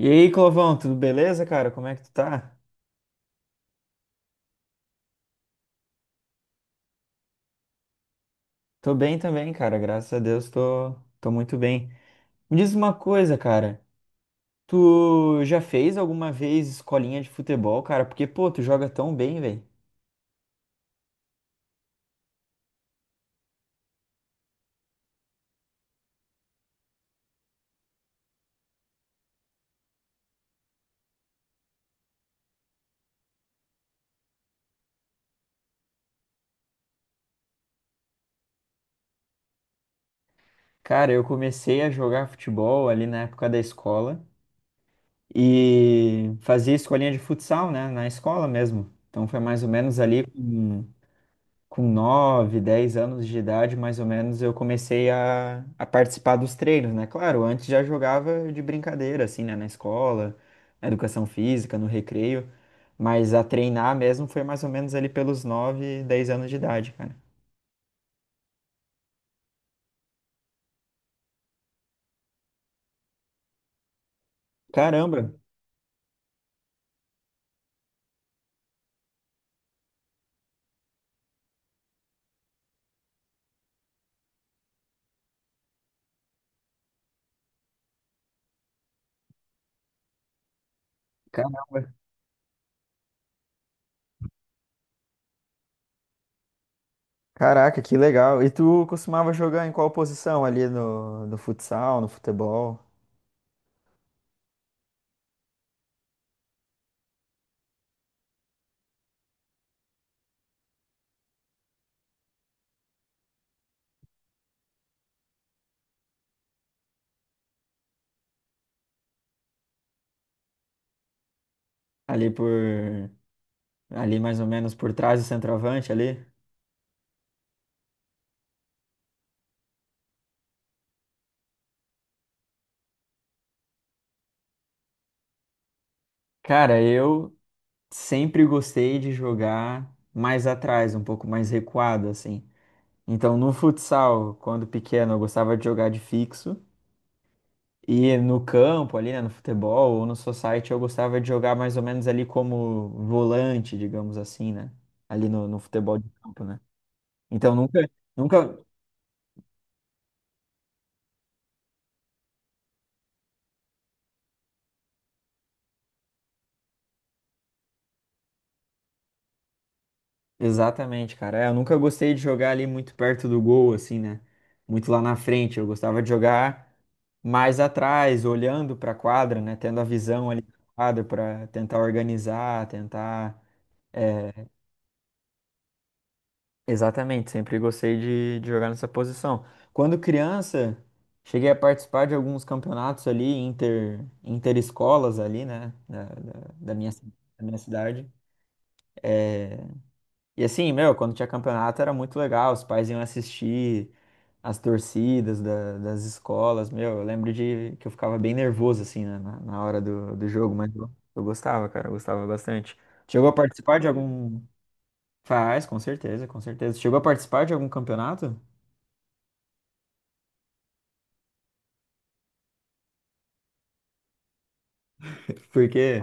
E aí, Clovão, tudo beleza, cara? Como é que tu tá? Tô bem também, cara. Graças a Deus, tô, tô muito bem. Me diz uma coisa, cara. Tu já fez alguma vez escolinha de futebol, cara? Porque, pô, tu joga tão bem, velho. Cara, eu comecei a jogar futebol ali na época da escola e fazia escolinha de futsal, né? Na escola mesmo. Então foi mais ou menos ali. Com 9 10 anos de idade, mais ou menos, eu comecei a participar dos treinos, né? Claro, antes já jogava de brincadeira, assim, né? Na escola, na educação física, no recreio, mas a treinar mesmo foi mais ou menos ali pelos 9 10 anos de idade, cara. Caramba! Caramba! Caraca, que legal. E tu costumava jogar em qual posição ali no futsal, no futebol? Ali por. Ali mais ou menos por trás do centroavante ali? Cara, eu sempre gostei de jogar mais atrás, um pouco mais recuado, assim. Então, no futsal, quando pequeno, eu gostava de jogar de fixo. E no campo, ali, né, no futebol ou no society, eu gostava de jogar mais ou menos ali como volante, digamos assim, né? Ali no futebol de campo, né? Então, nunca, nunca. Exatamente, cara. É, eu nunca gostei de jogar ali muito perto do gol, assim, né? Muito lá na frente. Eu gostava de jogar mais atrás, olhando para a quadra, né? Tendo a visão ali. Uhum. Da quadra para tentar organizar, tentar. É, exatamente, sempre gostei de jogar nessa posição. Quando criança, cheguei a participar de alguns campeonatos ali, inter, interescolas ali, né? Da minha, ci- da minha cidade. eh, E assim, meu, quando tinha campeonato era muito legal, os pais iam assistir as torcidas da- das escolas, meu, eu lembro de que eu ficava bem nervoso, assim, né, na hora do jogo, mas eu gostava, cara, eu gostava bastante. Chegou a participar de algum... Faz, com certeza, com certeza. Chegou a participar de algum campeonato? Porque...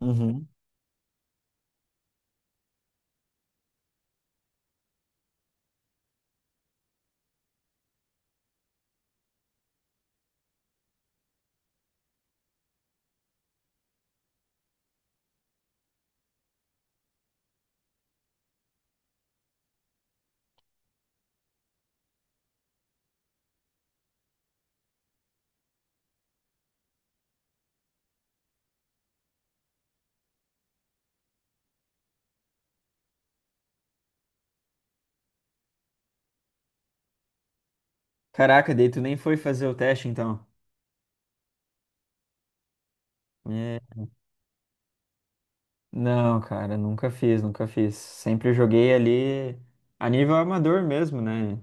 Uhum. Caraca, daí tu nem foi fazer o teste, então. É. Não, cara, nunca fiz, nunca fiz. Sempre joguei ali a nível amador mesmo, né?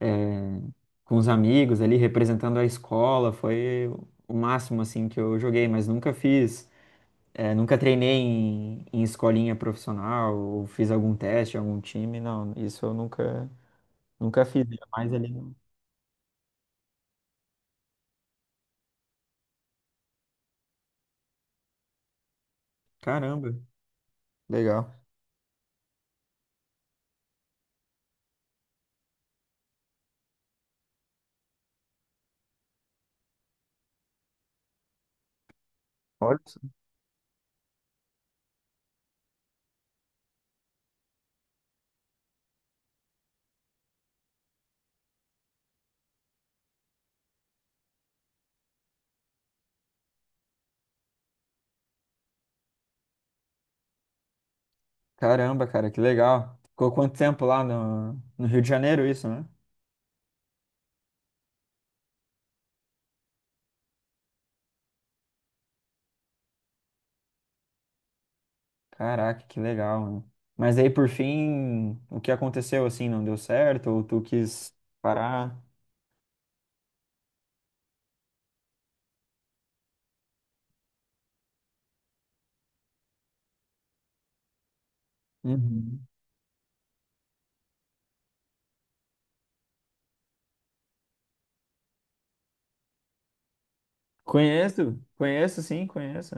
eh, com os amigos ali, representando a escola, foi o máximo assim que eu joguei, mas nunca fiz, nunca treinei em, em escolinha profissional, ou fiz algum teste, em algum time, não, isso eu nunca, nunca fiz, ainda mais ali. No- Caramba, legal. Olha só. Caramba, cara, que legal. Ficou quanto tempo lá no Rio de Janeiro isso, né? Caraca, que legal, mano. Mas aí, por fim, o que aconteceu, assim, não deu certo? Ou tu quis parar? Uhum. Conheço, conheço.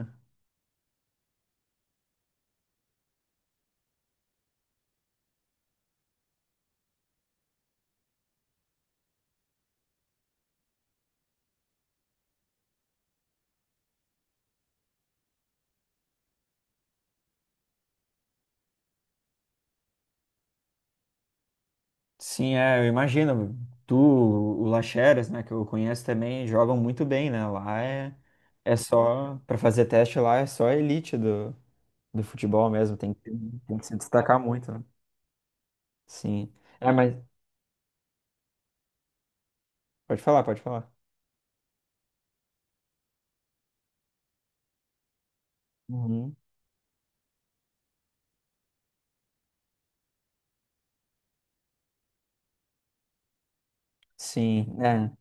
Sim, é, eu imagino. Tu, o Lacheras, né, que eu conheço também, jogam muito bem, né? Lá é, é só, para fazer teste lá, é só a elite do, do futebol mesmo. Tem que se destacar muito, né? Sim. É, mas pode falar, pode falar. Uhum. Sim, é.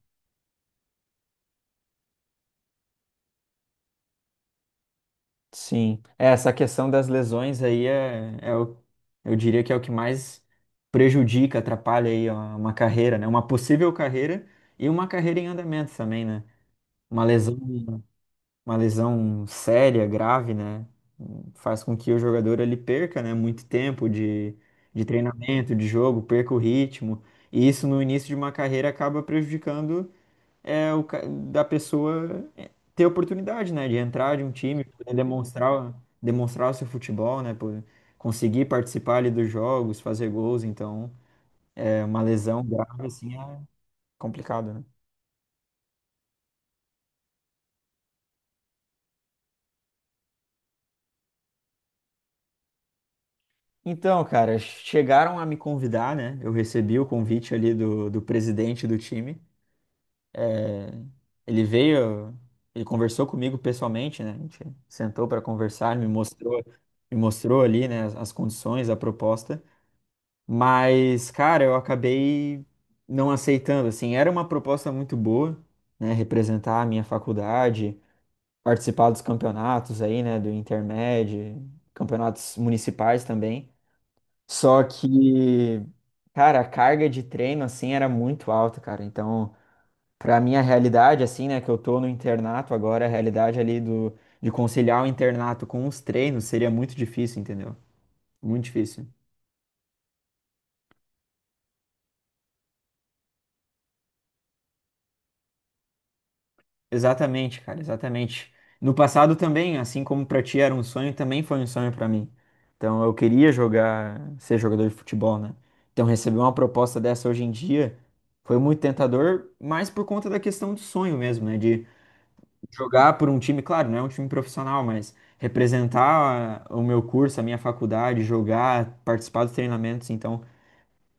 Sim, é, essa questão das lesões aí é, é o, eu diria que é o que mais prejudica, atrapalha aí ó, uma carreira, né? Uma possível carreira e uma carreira em andamento também, né? Uma lesão, uma lesão séria, grave, né? Faz com que o jogador ele perca, né? Muito tempo de treinamento, de jogo, perca o ritmo. E isso no início de uma carreira acaba prejudicando é o ca- da pessoa ter oportunidade, né, de entrar de um time, poder demonstrar, demonstrar o seu futebol, né, por conseguir participar ali dos jogos, fazer gols, então é uma lesão grave assim é complicado, né? Então, cara, chegaram a me convidar, né? Eu recebi o convite ali do presidente do time. Ele veio, ele conversou comigo pessoalmente, né? A gente sentou para conversar, ele me mostrou ali, né, as as condições, a proposta. Mas, cara, eu acabei não aceitando, assim, era uma proposta muito boa, né, representar a minha faculdade, participar dos campeonatos aí, né, do Intermed, campeonatos municipais também. Só que, cara, a carga de treino assim era muito alta, cara. Então, pra minha realidade assim, né, que eu tô no internato agora, a realidade ali do de conciliar o internato com os treinos seria muito difícil, entendeu? Muito difícil. Exatamente, cara, exatamente. No passado também, assim como pra ti era um sonho, também foi um sonho pra mim. Então eu queria jogar, ser jogador de futebol, né? Então receber uma proposta dessa hoje em dia foi muito tentador, mas por conta da questão do sonho mesmo, né? De jogar por um time, claro, não é um time profissional, mas representar a- o meu curso, a minha faculdade, jogar, participar dos treinamentos, então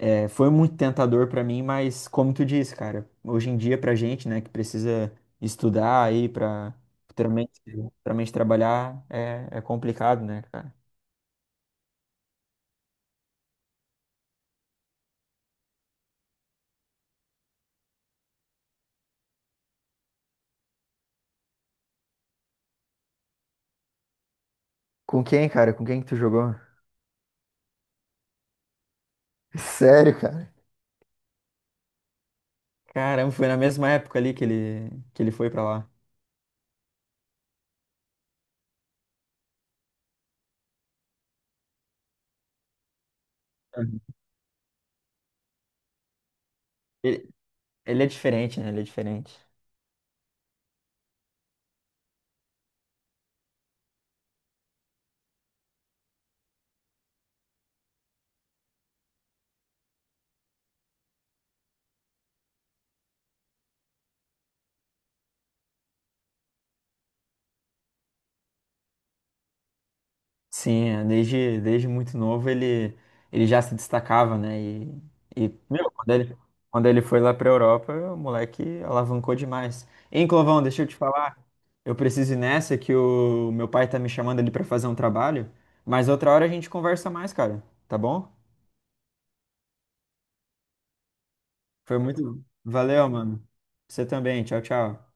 é, foi muito tentador pra mim, mas como tu disse, cara, hoje em dia pra gente, né, que precisa estudar aí pra futuramente, futuramente trabalhar, é, é complicado, né, cara? Com quem, cara? Com quem que tu jogou? Sério, cara? Caramba, foi na mesma época ali que ele foi pra lá. Uhum. Ele, ele é diferente, né? Ele é diferente. Sim, é, desde, desde muito novo ele, ele já se destacava, né? E meu, quando ele foi lá pra Europa, o moleque alavancou demais. Hein, Clovão, deixa eu te falar, eu preciso ir nessa que o meu pai tá me chamando ali pra fazer um trabalho, mas outra hora a gente conversa mais, cara, tá bom? Foi muito. Valeu, mano. Você também, tchau, tchau.